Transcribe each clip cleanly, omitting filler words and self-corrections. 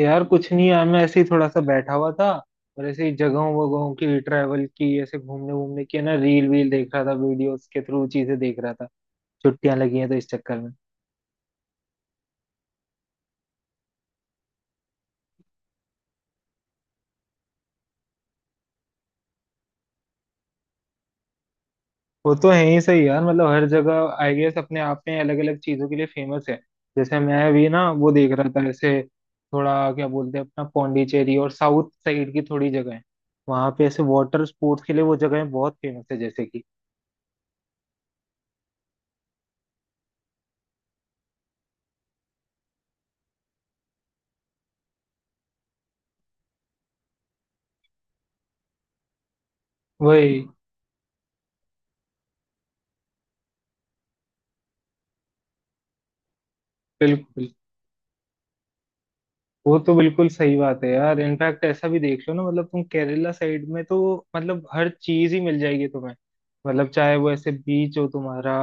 यार कुछ नहीं यार मैं ऐसे ही थोड़ा सा बैठा हुआ था। और ऐसे ही जगहों वगहों की ट्रैवल की ऐसे घूमने घूमने की है ना, रील वील देख रहा था, वीडियोस के थ्रू चीजें देख रहा था। छुट्टियां लगी हैं तो इस चक्कर में। वो तो है ही सही यार, मतलब हर जगह आई गेस अपने आप में अलग अलग चीजों के लिए फेमस है। जैसे मैं भी ना वो देख रहा था ऐसे, थोड़ा क्या बोलते हैं, अपना पौंडीचेरी और साउथ साइड की थोड़ी जगह है। वहां पे ऐसे वाटर स्पोर्ट्स के लिए वो जगह बहुत फेमस है, जैसे कि वही। बिल्कुल। वो तो बिल्कुल सही बात है यार, इनफैक्ट ऐसा भी देख लो ना, मतलब तुम केरला साइड में तो मतलब हर चीज ही मिल जाएगी तुम्हें। मतलब चाहे वो ऐसे बीच हो तुम्हारा,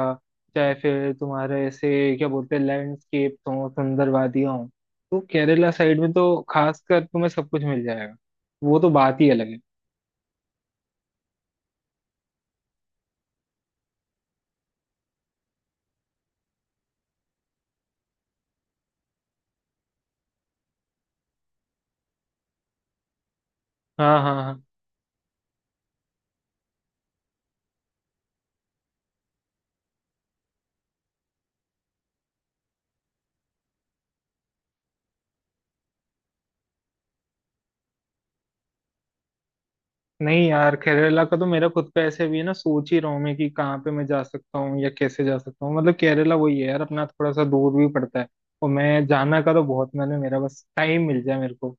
चाहे फिर तुम्हारे ऐसे क्या बोलते हैं लैंडस्केप हो, सुंदर वादियां हो, तो केरला साइड में तो खासकर तुम्हें सब कुछ मिल जाएगा। वो तो बात ही अलग है। हाँ हाँ हाँ। नहीं यार, केरला का तो मेरा खुद का ऐसे भी है ना, सोच ही रहा हूँ मैं कि कहाँ पे मैं जा सकता हूँ या कैसे जा सकता हूँ, मतलब केरला वही है यार, अपना थोड़ा सा दूर भी पड़ता है। और मैं जाना का तो बहुत मन है मेरा, बस टाइम मिल जाए मेरे को।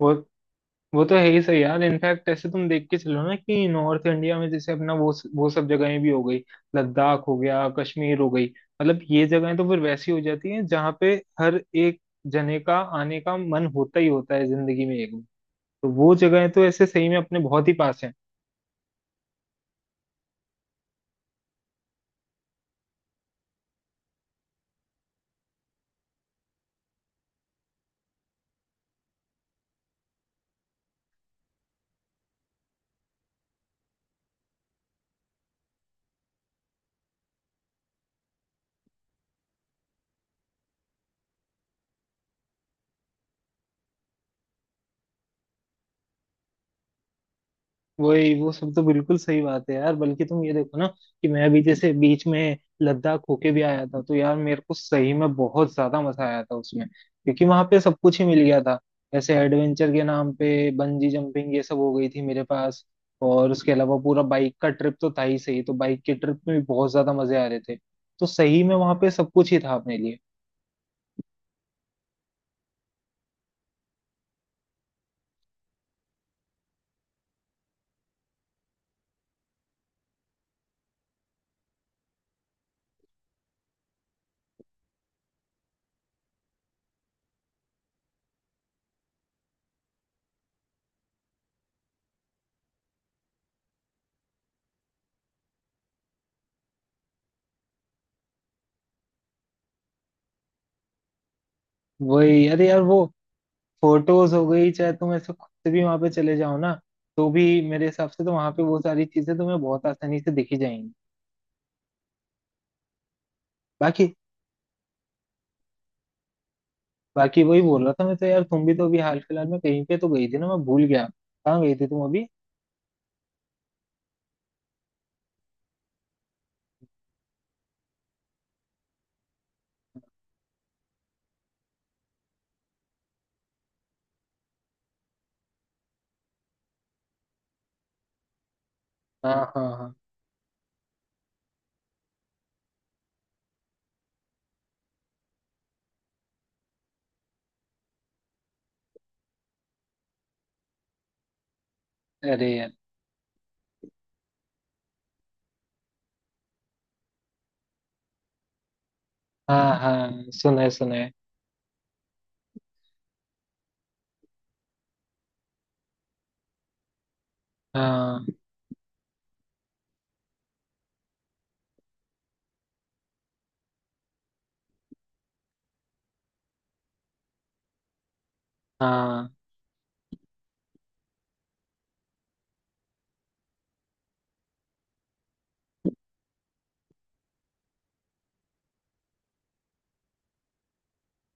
वो वो तो है ही सही यार, इनफैक्ट ऐसे तुम देख के चलो ना कि नॉर्थ इंडिया में जैसे अपना वो सब जगहें भी हो गई। लद्दाख हो गया, कश्मीर हो गई। मतलब ये जगहें तो फिर वैसी हो जाती हैं जहाँ पे हर एक जने का आने का मन होता ही होता है जिंदगी में एक बार। तो वो जगहें तो ऐसे सही में अपने बहुत ही पास है। वही वो सब तो बिल्कुल सही बात है यार, बल्कि तुम ये देखो ना कि मैं अभी जैसे बीच में लद्दाख होके भी आया था, तो यार मेरे को सही में बहुत ज्यादा मजा आया था उसमें, क्योंकि वहां पे सब कुछ ही मिल गया था। जैसे एडवेंचर के नाम पे बंजी जंपिंग ये सब हो गई थी मेरे पास। और उसके अलावा पूरा बाइक का ट्रिप तो था ही सही, तो बाइक के ट्रिप में भी बहुत ज्यादा मजे आ रहे थे। तो सही में वहां पे सब कुछ ही था अपने लिए। वही अरे यार वो फोटोज हो गई, चाहे तुम ऐसे खुद से भी वहां पे चले जाओ ना, तो भी मेरे हिसाब से तो वहां पे वो सारी चीजें तुम्हें बहुत आसानी से दिखी जाएंगी। बाकी बाकी वही बोल रहा था मैं तो यार, तुम भी तो अभी हाल फिलहाल में कहीं पे तो गई थी ना, मैं भूल गया। कहाँ गई थी तुम अभी? हाँ हाँ हाँ। अरे यार। हाँ हाँ सुना है सुना है। हाँ हाँ।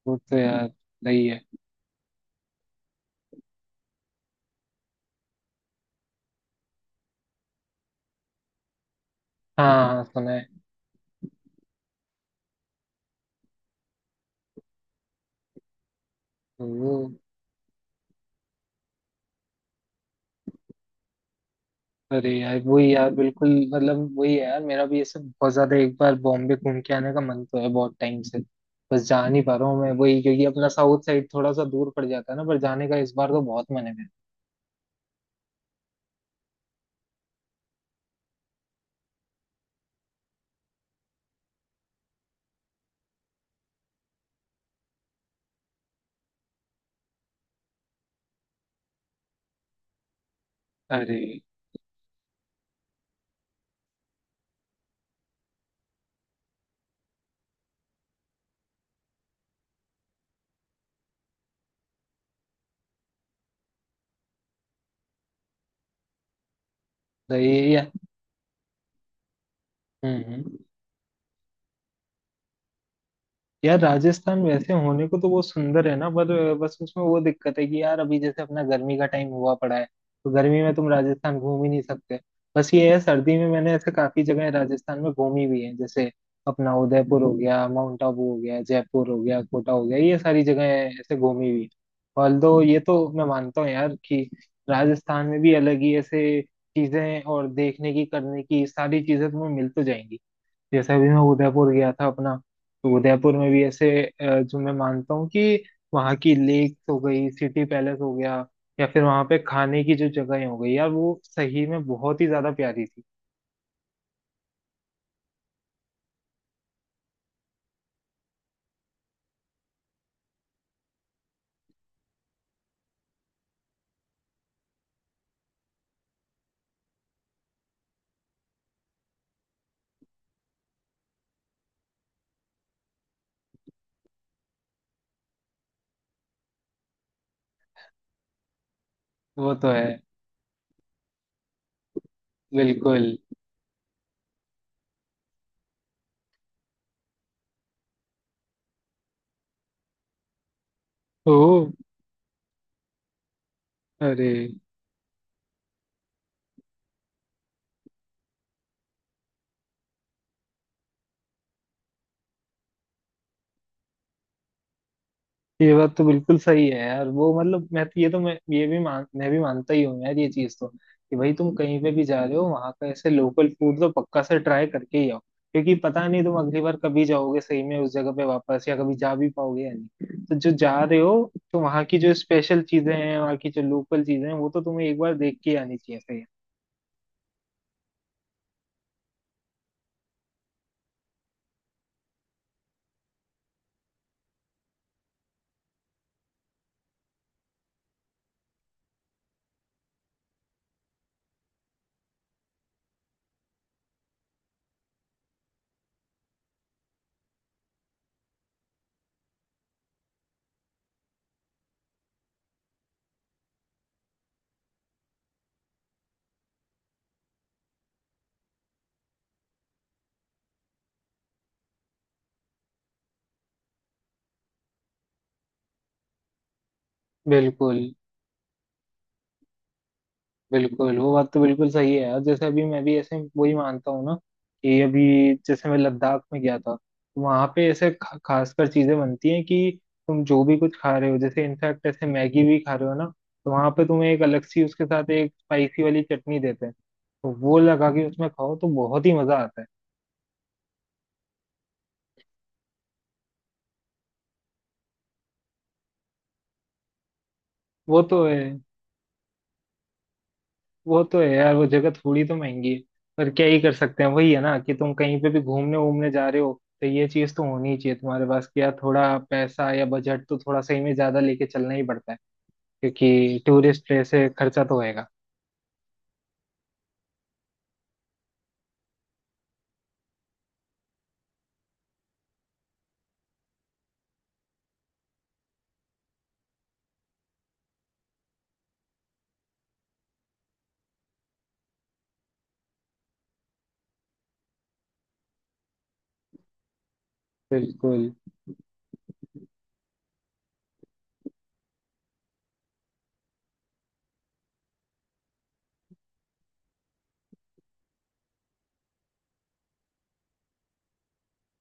वो तो यार सही है। हाँ हाँ सुना है। वो अरे यार वही यार बिल्कुल। मतलब वही है यार, मेरा भी ये सब बहुत ज्यादा, एक बार बॉम्बे घूम के आने का मन तो है बहुत टाइम से। बस जा नहीं पा रहा हूँ मैं वही, क्योंकि अपना साउथ साइड थोड़ा सा दूर पड़ जाता है ना, पर जाने का इस बार तो बहुत मन है मेरा। अरे तो ये यार। हम्म हम्म। यार राजस्थान वैसे होने को तो वो सुंदर है ना, पर बस उसमें वो दिक्कत है कि यार अभी जैसे अपना गर्मी का टाइम हुआ पड़ा है। तो गर्मी में तुम राजस्थान घूम ही नहीं सकते। बस ये है, सर्दी में मैंने ऐसे काफी जगह राजस्थान में घूमी भी है, जैसे अपना उदयपुर हो गया, माउंट आबू हो गया, जयपुर हो गया, कोटा हो गया, ये सारी जगह ऐसे घूमी हुई। ऑल दो ये तो मैं मानता हूँ यार कि राजस्थान में भी अलग ही ऐसे चीजें और देखने की करने की सारी चीजें तुम्हें मिल तो जाएंगी। जैसे अभी मैं उदयपुर गया था अपना, तो उदयपुर में भी ऐसे जो मैं मानता हूँ कि वहाँ की लेक हो गई, सिटी पैलेस हो गया, या फिर वहाँ पे खाने की जो जगह हो गई यार, वो सही में बहुत ही ज्यादा प्यारी थी। वो तो है। बिल्कुल। ओ। अरे। ये बात तो बिल्कुल सही है यार, वो मतलब मैं तो ये तो मैं ये भी मान मैं भी मानता ही हूँ यार, ये चीज तो, कि भाई तुम कहीं पे भी जा रहे हो, वहां का ऐसे लोकल फूड तो पक्का से ट्राई करके ही आओ, क्योंकि पता नहीं तुम अगली बार कभी जाओगे सही में उस जगह पे वापस या कभी जा भी पाओगे या नहीं, तो जो जा रहे हो तो वहाँ की जो स्पेशल चीजें हैं, वहाँ की जो लोकल चीजें हैं, वो तो तुम्हें एक बार देख के आनी चाहिए सही। बिल्कुल। बिल्कुल वो बात तो बिल्कुल सही है यार, जैसे अभी मैं भी ऐसे वही मानता हूँ ना कि अभी जैसे मैं लद्दाख में गया था, वहां पे ऐसे खासकर चीजें बनती हैं कि तुम जो भी कुछ खा रहे हो, जैसे इनफैक्ट ऐसे मैगी भी खा रहे हो ना, तो वहां पे तुम्हें एक अलग सी उसके साथ एक स्पाइसी वाली चटनी देते हैं। तो वो लगा के उसमें खाओ तो बहुत ही मजा आता है। वो तो है। वो तो है यार, वो जगह थोड़ी तो महंगी है। पर क्या ही कर सकते हैं, वही है ना कि तुम कहीं पे भी घूमने वूमने जा रहे हो, तो ये चीज तो होनी ही चाहिए तुम्हारे पास कि यार थोड़ा पैसा या बजट तो थोड़ा सही में ज्यादा लेके चलना ही पड़ता है। क्योंकि टूरिस्ट प्लेस है, खर्चा तो होएगा। बिल्कुल।